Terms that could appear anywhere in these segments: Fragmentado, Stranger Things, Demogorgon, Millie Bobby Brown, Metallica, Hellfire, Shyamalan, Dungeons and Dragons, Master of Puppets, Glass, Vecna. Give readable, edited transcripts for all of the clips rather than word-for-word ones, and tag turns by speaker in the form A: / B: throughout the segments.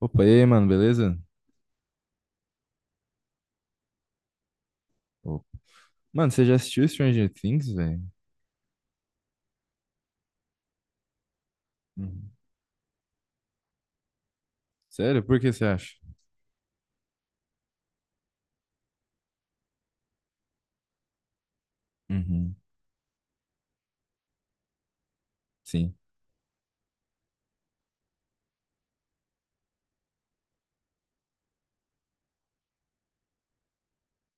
A: Opa, e aí, mano, beleza? Opa. Mano, você já assistiu Stranger Things, velho? Uhum. Sério? Por que você acha? Uhum. Sim,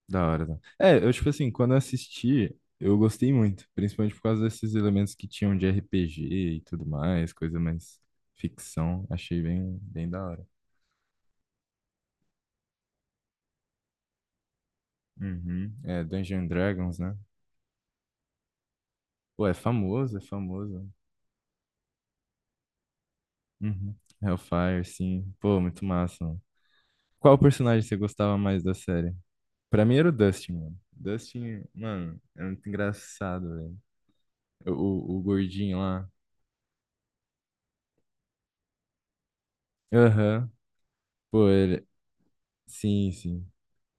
A: da hora. Tá? É, eu, tipo assim, quando eu assisti, eu gostei muito, principalmente por causa desses elementos que tinham de RPG e tudo mais, coisa mais ficção. Achei bem, bem da hora. Uhum. É, Dungeons and Dragons, né? Pô, é famoso, é famoso. Uhum. Hellfire, sim. Pô, muito massa, mano. Qual personagem você gostava mais da série? Pra mim era o Dustin, mano. Dustin, mano, é muito engraçado, velho. O gordinho lá. Aham. Pô, ele. Sim, sim.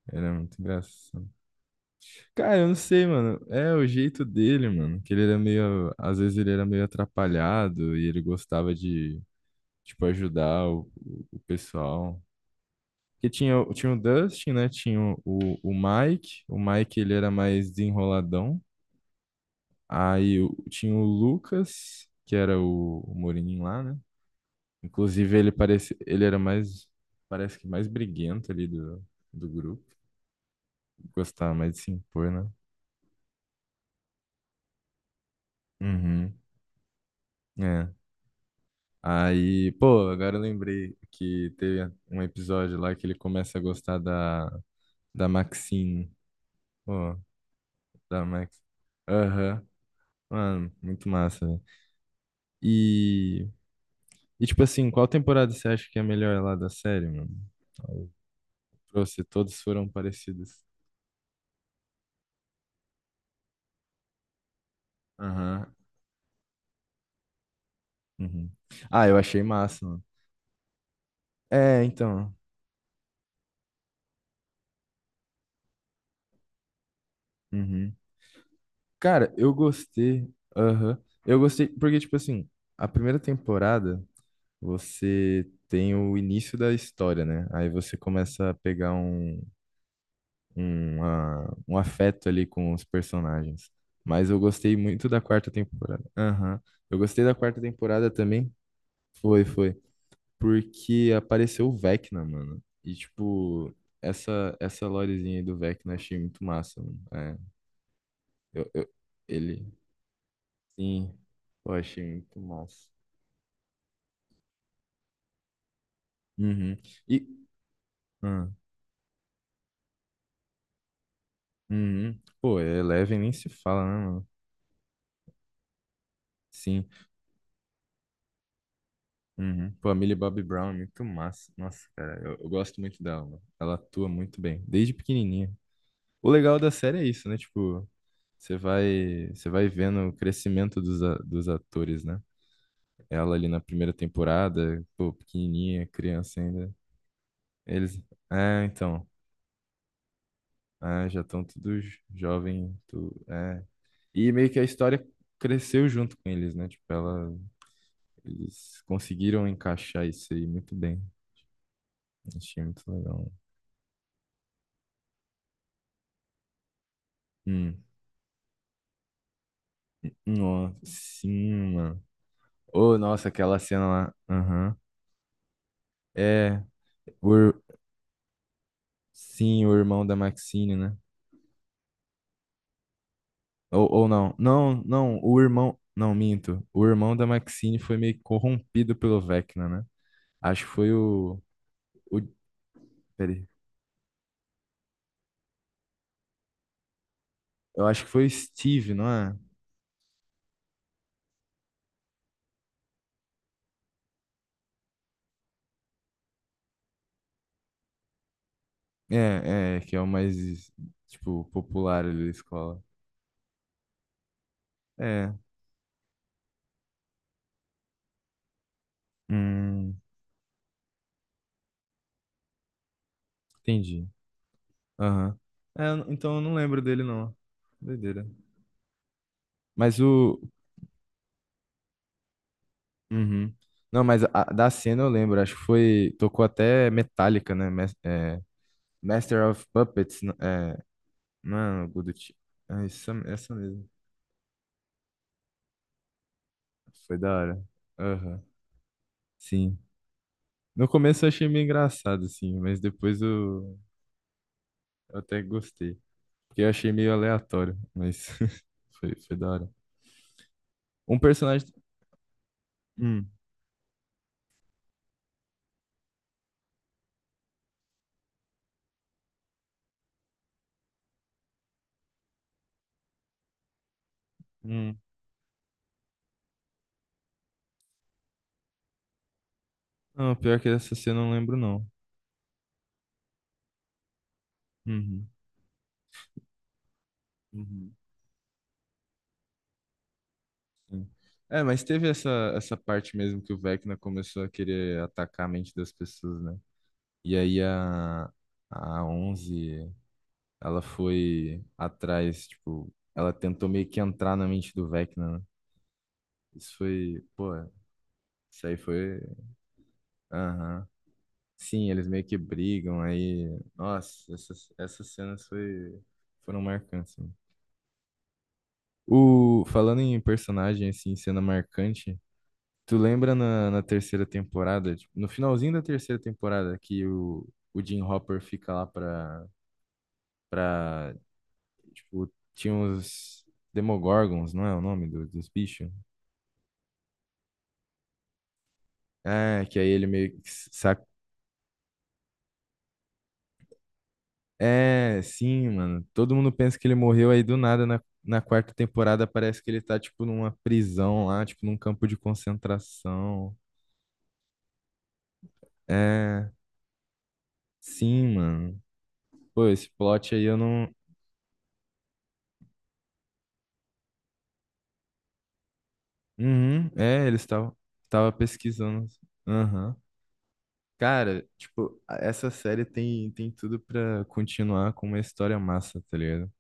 A: Era muito engraçado. Cara, eu não sei, mano. É o jeito dele, mano. Que ele era meio. Às vezes ele era meio atrapalhado e ele gostava de, tipo, ajudar o pessoal. Porque tinha, tinha o Dustin, né? Tinha o Mike. O Mike, ele era mais desenroladão. Aí tinha o Lucas, que era o Moreninho lá, né? Inclusive, ele parece, ele era mais, parece que mais briguento ali do grupo. Gostava mais de se impor, né? Uhum. É. Aí, pô, agora eu lembrei que teve um episódio lá que ele começa a gostar da Maxine. Pô, da Max. Aham. Mano, muito massa, velho. E, e, tipo assim, qual temporada você acha que é a melhor lá da série, mano? Pra você, todos foram parecidos. Aham. Uhum. Ah, eu achei massa, mano. É, então. Uhum. Cara, eu gostei. Aham. Eu gostei, porque, tipo assim, a primeira temporada você tem o início da história, né? Aí você começa a pegar um afeto ali com os personagens. Mas eu gostei muito da quarta temporada. Aham. Eu gostei da quarta temporada também. Foi, foi. Porque apareceu o Vecna, mano. E, tipo, essa lorezinha aí do Vecna eu achei muito massa, mano. É, eu, eu- ele. Sim, eu achei muito massa. Uhum. E, Ah, uhum. Pô, Eleven nem se fala, né, mano? Sim. Uhum. Pô, a Millie Bobby Brown é muito massa. Nossa, cara, eu gosto muito dela, mano. Ela atua muito bem, desde pequenininha. O legal da série é isso, né? Tipo, você vai vendo o crescimento dos atores, né? Ela ali na primeira temporada, pô, pequenininha, criança ainda. Eles, é, então, já estão todos jovens. E meio que a história cresceu junto com eles, né? Tipo, ela, eles conseguiram encaixar isso aí muito bem. Achei muito legal. Hum, nossa, sim, mano. Oh, nossa, aquela cena lá. Aham. É, o, ir- sim, o irmão da Maxine, né? Ou não. Não, não, o irmão. Não, minto. O irmão da Maxine foi meio que corrompido pelo Vecna, né? Acho que foi o. o Peraí. Eu acho que foi o Steve, não é? É, que é o mais, tipo, popular ali da escola. É, hum, entendi. Aham. É, eu não- então eu não lembro dele, não. Doideira. Mas o... Uhum. Não, mas da cena eu lembro, acho que foi... Tocou até Metallica, né? É, Master of Puppets, é... Não é algo do tipo. É essa mesmo. Foi da hora. Aham, sim. No começo eu achei meio engraçado, assim, mas depois eu até gostei. Que eu achei meio aleatório, mas foi da hora. Um personagem. Hum, hum. Não, pior que essa cena eu não lembro, não. Uhum, uhum, sim. É, mas teve essa parte mesmo que o Vecna começou a querer atacar a mente das pessoas, né? E aí a 11, ela foi atrás, tipo, ela tentou meio que entrar na mente do Vecna, né? Isso foi, pô, isso aí foi, aham, sim, eles meio que brigam aí. Nossa, essas cenas foram marcantes, né? O, falando em personagem, assim, cena marcante, tu lembra na terceira temporada, tipo, no finalzinho da terceira temporada, que o Jim Hopper fica lá pra, tipo, tinha uns Demogorgons, não é o nome dos bichos? É, que aí ele meio que É, sim, mano. Todo mundo pensa que ele morreu aí do nada na quarta temporada. Parece que ele tá, tipo, numa prisão lá, tipo, num campo de concentração. É, sim, mano. Pô, esse plot aí eu não. Uhum, é, eles estavam tava pesquisando. Aham. Cara, tipo, essa série tem tudo pra continuar com uma história massa, tá ligado?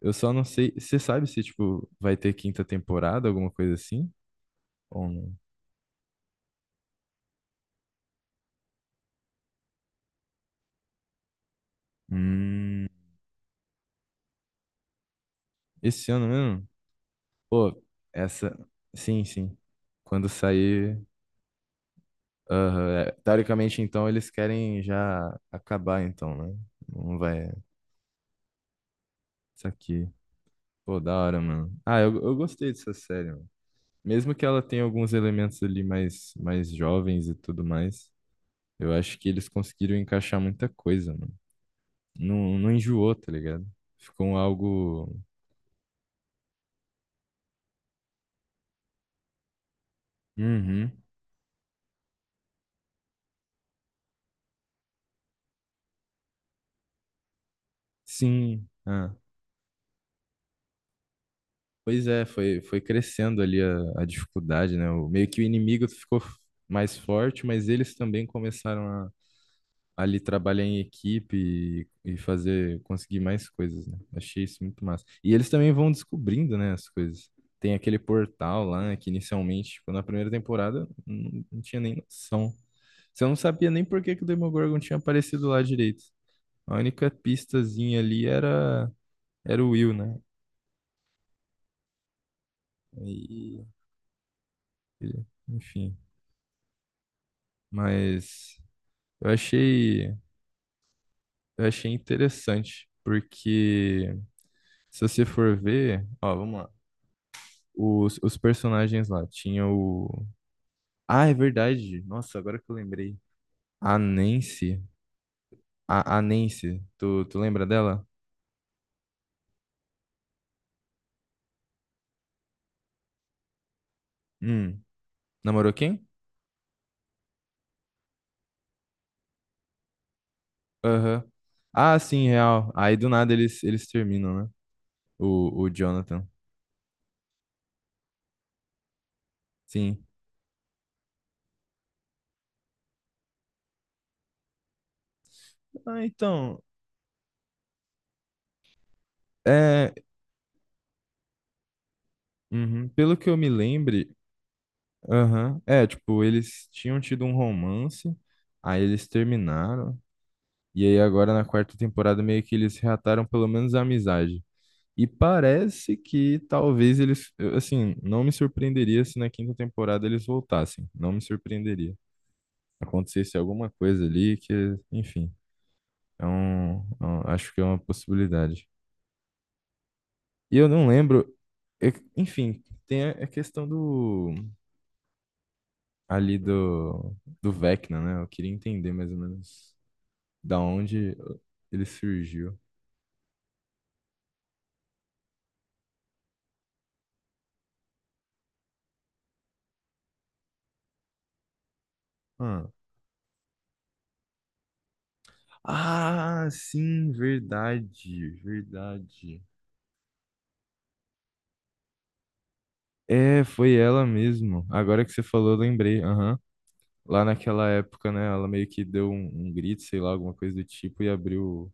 A: Eu só não sei. Você sabe se, tipo, vai ter quinta temporada, alguma coisa assim? Ou não? Hum, esse ano mesmo? Pô, essa. Sim, sim. Quando sair. Aham, é. Teoricamente, então, eles querem já acabar, então, né? Não vai. Isso aqui. Pô, da hora, mano. Ah, eu gostei dessa série, mano. Mesmo que ela tenha alguns elementos ali mais, mais jovens e tudo mais, eu acho que eles conseguiram encaixar muita coisa, mano. Não, não enjoou, tá ligado? Ficou algo. Uhum. Sim. Ah. Pois é, foi crescendo ali a dificuldade, né? O, meio que o inimigo ficou mais forte, mas eles também começaram a ali trabalhar em equipe e fazer, conseguir mais coisas, né? Achei isso muito massa. E eles também vão descobrindo, né, as coisas. Tem aquele portal lá, né, que inicialmente, tipo, na primeira temporada, não, não tinha nem noção. Você não sabia nem por que que o Demogorgon tinha aparecido lá direito. A única pistazinha ali era o Will, né? E, enfim. Mas eu achei, eu achei interessante, porque se você for ver, ó, vamos lá. Os personagens lá, tinha o. Ah, é verdade. Nossa, agora que eu lembrei. A Nancy. A Nancy, tu lembra dela? Hum. Namorou quem? Aham. Ah, sim, real. Aí do nada eles terminam, né? O Jonathan. Sim. Ah, então. É, uhum. Pelo que eu me lembro. Aham. É, tipo, eles tinham tido um romance, aí eles terminaram, e aí agora na quarta temporada meio que eles reataram pelo menos a amizade. E parece que talvez eles, eu, assim, não me surpreenderia se na quinta temporada eles voltassem. Não me surpreenderia. Acontecesse alguma coisa ali que, enfim, acho que é uma possibilidade. E eu não lembro, é- enfim, tem a questão ali do Vecna, né? Eu queria entender mais ou menos. Da onde ele surgiu? Ah, Ah, sim, verdade, verdade. É, foi ela mesmo. Agora que você falou, eu lembrei. Aham. Lá naquela época, né? Ela meio que deu um grito, sei lá, alguma coisa do tipo, e abriu.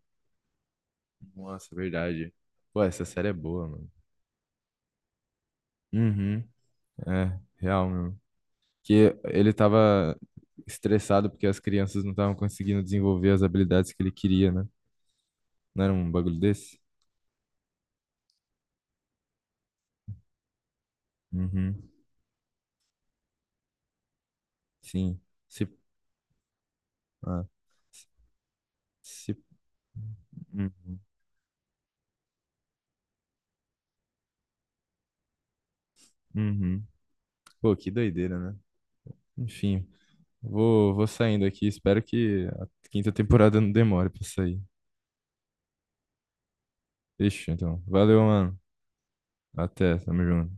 A: Nossa, verdade. Pô, essa série é boa, mano. Uhum. É, real, meu. Que ele tava estressado porque as crianças não estavam conseguindo desenvolver as habilidades que ele queria, né? Não era um bagulho desse? Uhum. Sim. Se Ah, se... Uhum, uhum. Pô, que doideira, né? Enfim, vou saindo aqui. Espero que a quinta temporada não demore pra sair. Fechou, então. Valeu, mano. Até, tamo junto.